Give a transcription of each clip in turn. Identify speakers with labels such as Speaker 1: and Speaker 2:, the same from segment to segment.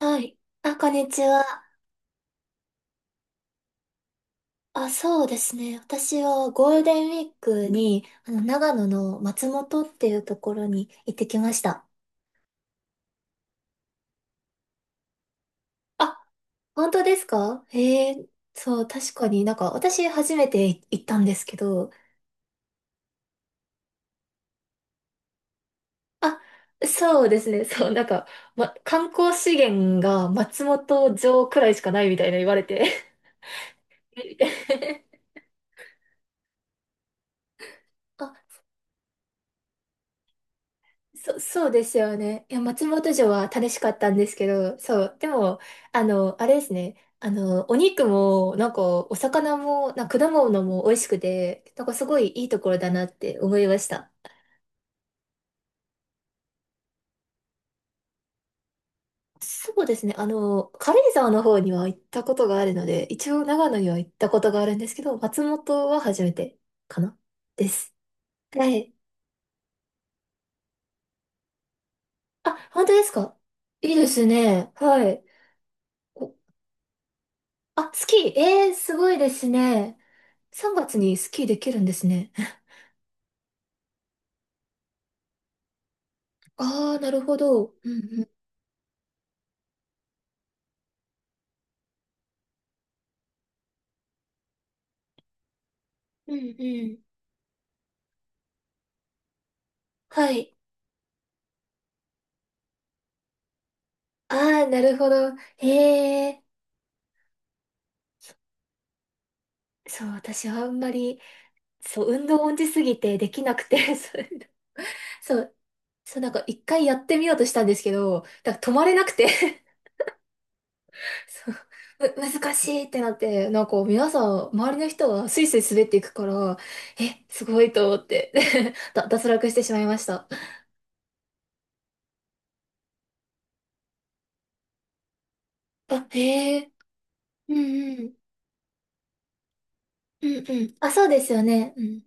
Speaker 1: はい。あ、こんにちは。あ、そうですね。私はゴールデンウィークに、長野の松本っていうところに行ってきました。あ、本当ですか？へえ、そう、確かになんか、私初めて行ったんですけど、あ、そうですね。そう、なんか、ま、観光資源が松本城くらいしかないみたいな言われて。えみたいなそうですよね。いや、松本城は楽しかったんですけど、そう。でも、あれですね。お肉も、なんか、お魚も、なんか果物も美味しくて、なんかすごいいいところだなって思いました。そうですね。軽井沢の方には行ったことがあるので、一応長野には行ったことがあるんですけど、松本は初めてかなです。はい。あ、本当ですか？いいですね。はい。おあ、スキー、すごいですね。3月にスキーできるんですね。ああ、なるほど。うんうん。うんうん。はい。ああ、なるほど。へえ。そう、私はあんまり、そう、運動音痴すぎてできなくて、そう、そう、そうなんか一回やってみようとしたんですけど、だから止まれなくて そう、難しいってなって、なんか皆さん、周りの人はスイスイ滑っていくから、え、すごいと思って 脱落してしまいました。あ、へえ。うんうん。うんうん。あ、そうですよね。うん。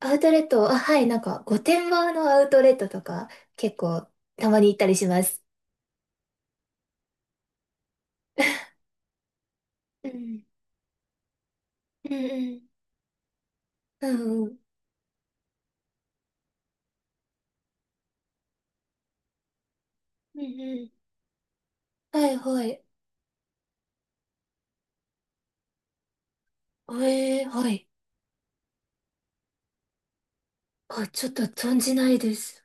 Speaker 1: アウトレット、あ、はい、なんか、御殿場のアウトレットとか、結構、たまに行ったりします。うん。うんうんうん。うん。うんうん。はい、はい。ええ、はい。あ、ちょっと存じないです。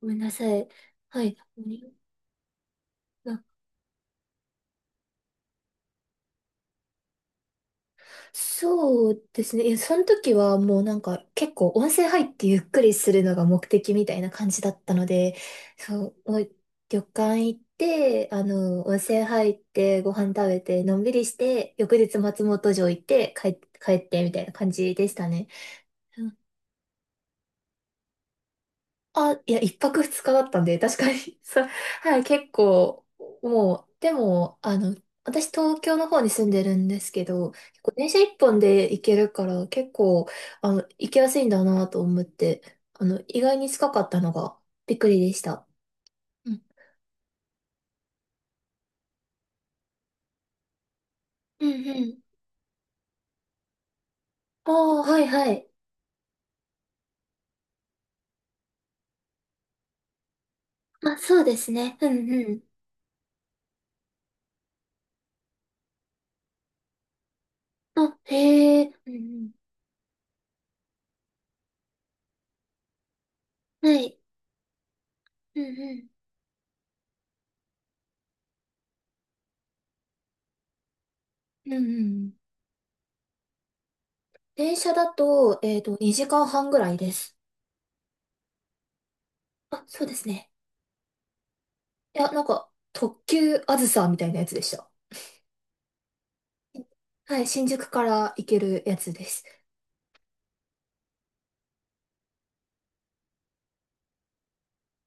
Speaker 1: ごめんなさい。はい。そうですね。いやその時はもうなんか結構温泉入ってゆっくりするのが目的みたいな感じだったので、そう、もう旅館行って、温泉入ってご飯食べてのんびりして、翌日松本城行って帰ってみたいな感じでしたね。あ、いや、一泊二日だったんで、確かに、そう、はい、結構、もう、でも、私、東京の方に住んでるんですけど、結構電車一本で行けるから、結構、行きやすいんだなと思って、意外に近かったのが、びっくりでした。うん、うんうん。ああ、はいはい。まあ、そうですね。うんうん。あ、へえ。うんうん。はい。うんうん。うんうん。電車だと、2時間半ぐらいです。あ、そうですね。いや、なんか、特急あずさみたいなやつでした。はい、新宿から行けるやつです。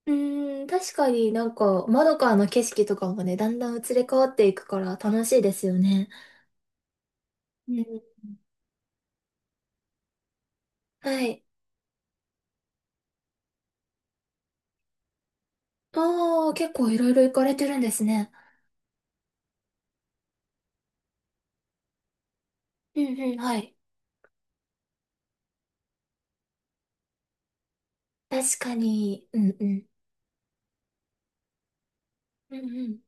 Speaker 1: うーん、確かになんか、窓からの景色とかもね、だんだん移り変わっていくから楽しいですよね。うん。はい。ああ、結構いろいろ行かれてるんですね。うんうん、はい。確かに、うんうん。うんうん。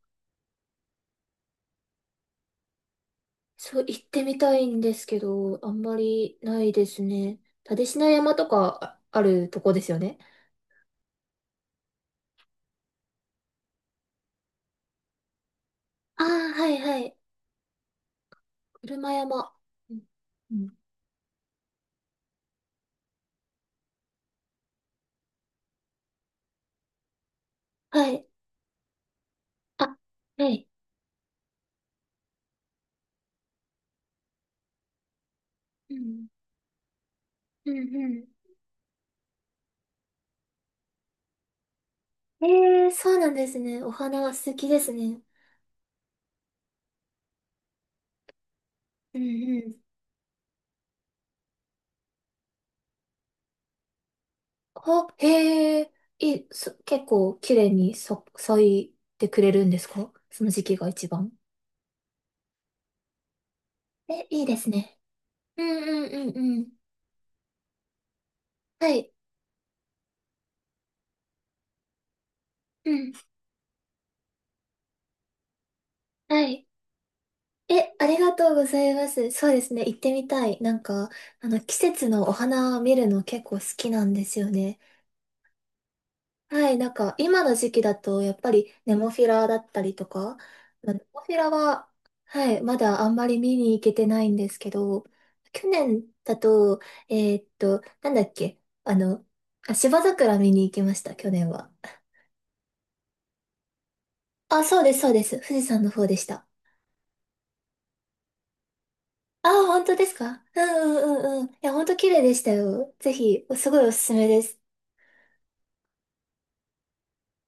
Speaker 1: そう、行ってみたいんですけど、あんまりないですね。蓼科山とかああるとこですよね。ああ、はいはい。車山。うんうん。はい。あ、はい。うん。うんうん。えー、そうなんですね。お花が素敵ですね。うん。うんうん。あ、へえ、結構綺麗に咲いてくれるんですか？その時期が一番。え、いいですね。うんうんうんうん。はい。うん。はい。え、ありがとうございます。そうですね。行ってみたい。なんか、季節のお花見るの結構好きなんですよね。はい、なんか今の時期だとやっぱりネモフィラだったりとか、まあネモフィラは、はい、まだあんまり見に行けてないんですけど、去年だと、なんだっけ、あの、あ、芝桜見に行きました、去年は。あ、そうです、そうです。富士山の方でした。あ、本当ですか？うんうんうんうん。いや、本当綺麗でしたよ。ぜひ、すごいおすすめです。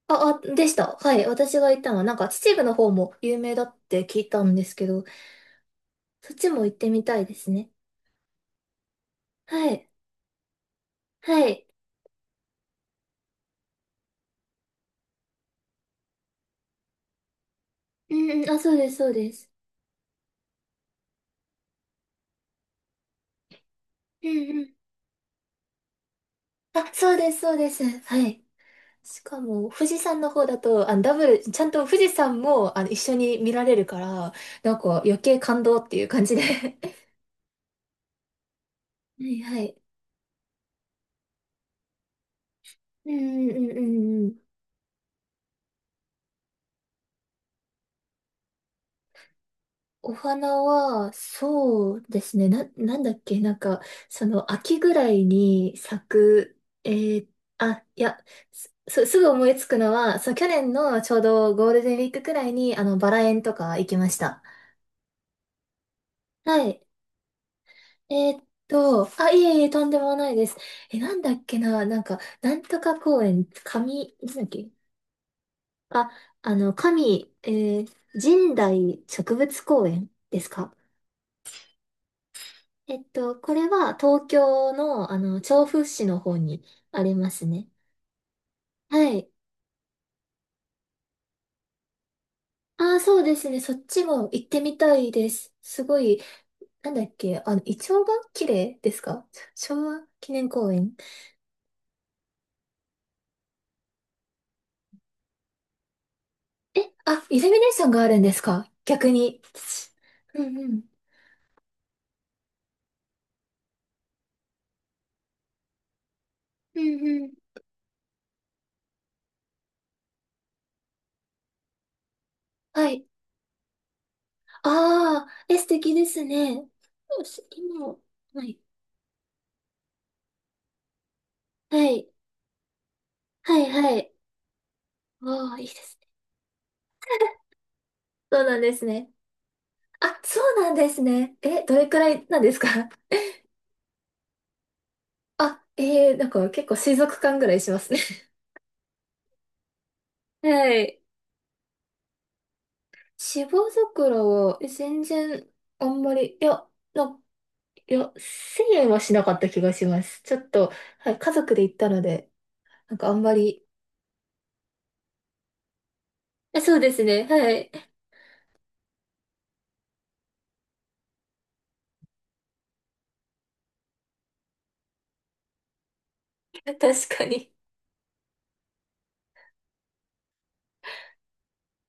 Speaker 1: あ、でした。はい。私が行ったのは、なんか秩父の方も有名だって聞いたんですけど、そっちも行ってみたいですね。はい。はい。うんうん。あ、そうです、そうです。うんうん。あ、そうです、そうです。はい。しかも、富士山の方だと、あダブル、ちゃんと富士山も、一緒に見られるから、なんか余計感動っていう感じで。はいはい。うんうんうんうんうん。お花は、そうですね。なんだっけ、なんか、その、秋ぐらいに咲く、あ、いや、すぐ思いつくのは、そう、去年のちょうどゴールデンウィークくらいに、バラ園とか行きました。はい。あ、いえいえ、とんでもないです。え、なんだっけな、なんか、なんとか公園、神、なんだっけ、あ、神、えー、神代植物公園ですか？これは東京の、調布市の方にありますね。はい。ああ、そうですね。そっちも行ってみたいです。すごい、なんだっけ、イチョウが綺麗ですか？昭和記念公園。え、あ、イルミネーションがあるんですか？逆に。うんうん。うんうん。はい。ああ、え、素敵ですね。よし、今、はい。はい。はいはい。ああ、いいですね。そうなんですね。あ、そうなんですね。え、どれくらいなんですか？ あ、なんか結構水族館ぐらいしますね。はい。芝桜は全然あんまり、いや、な、いや、1000円はしなかった気がします。ちょっと、はい、家族で行ったので、なんかあんまり、そうですね、はい。確かに。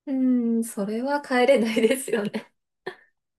Speaker 1: うん、それは帰れないですよね。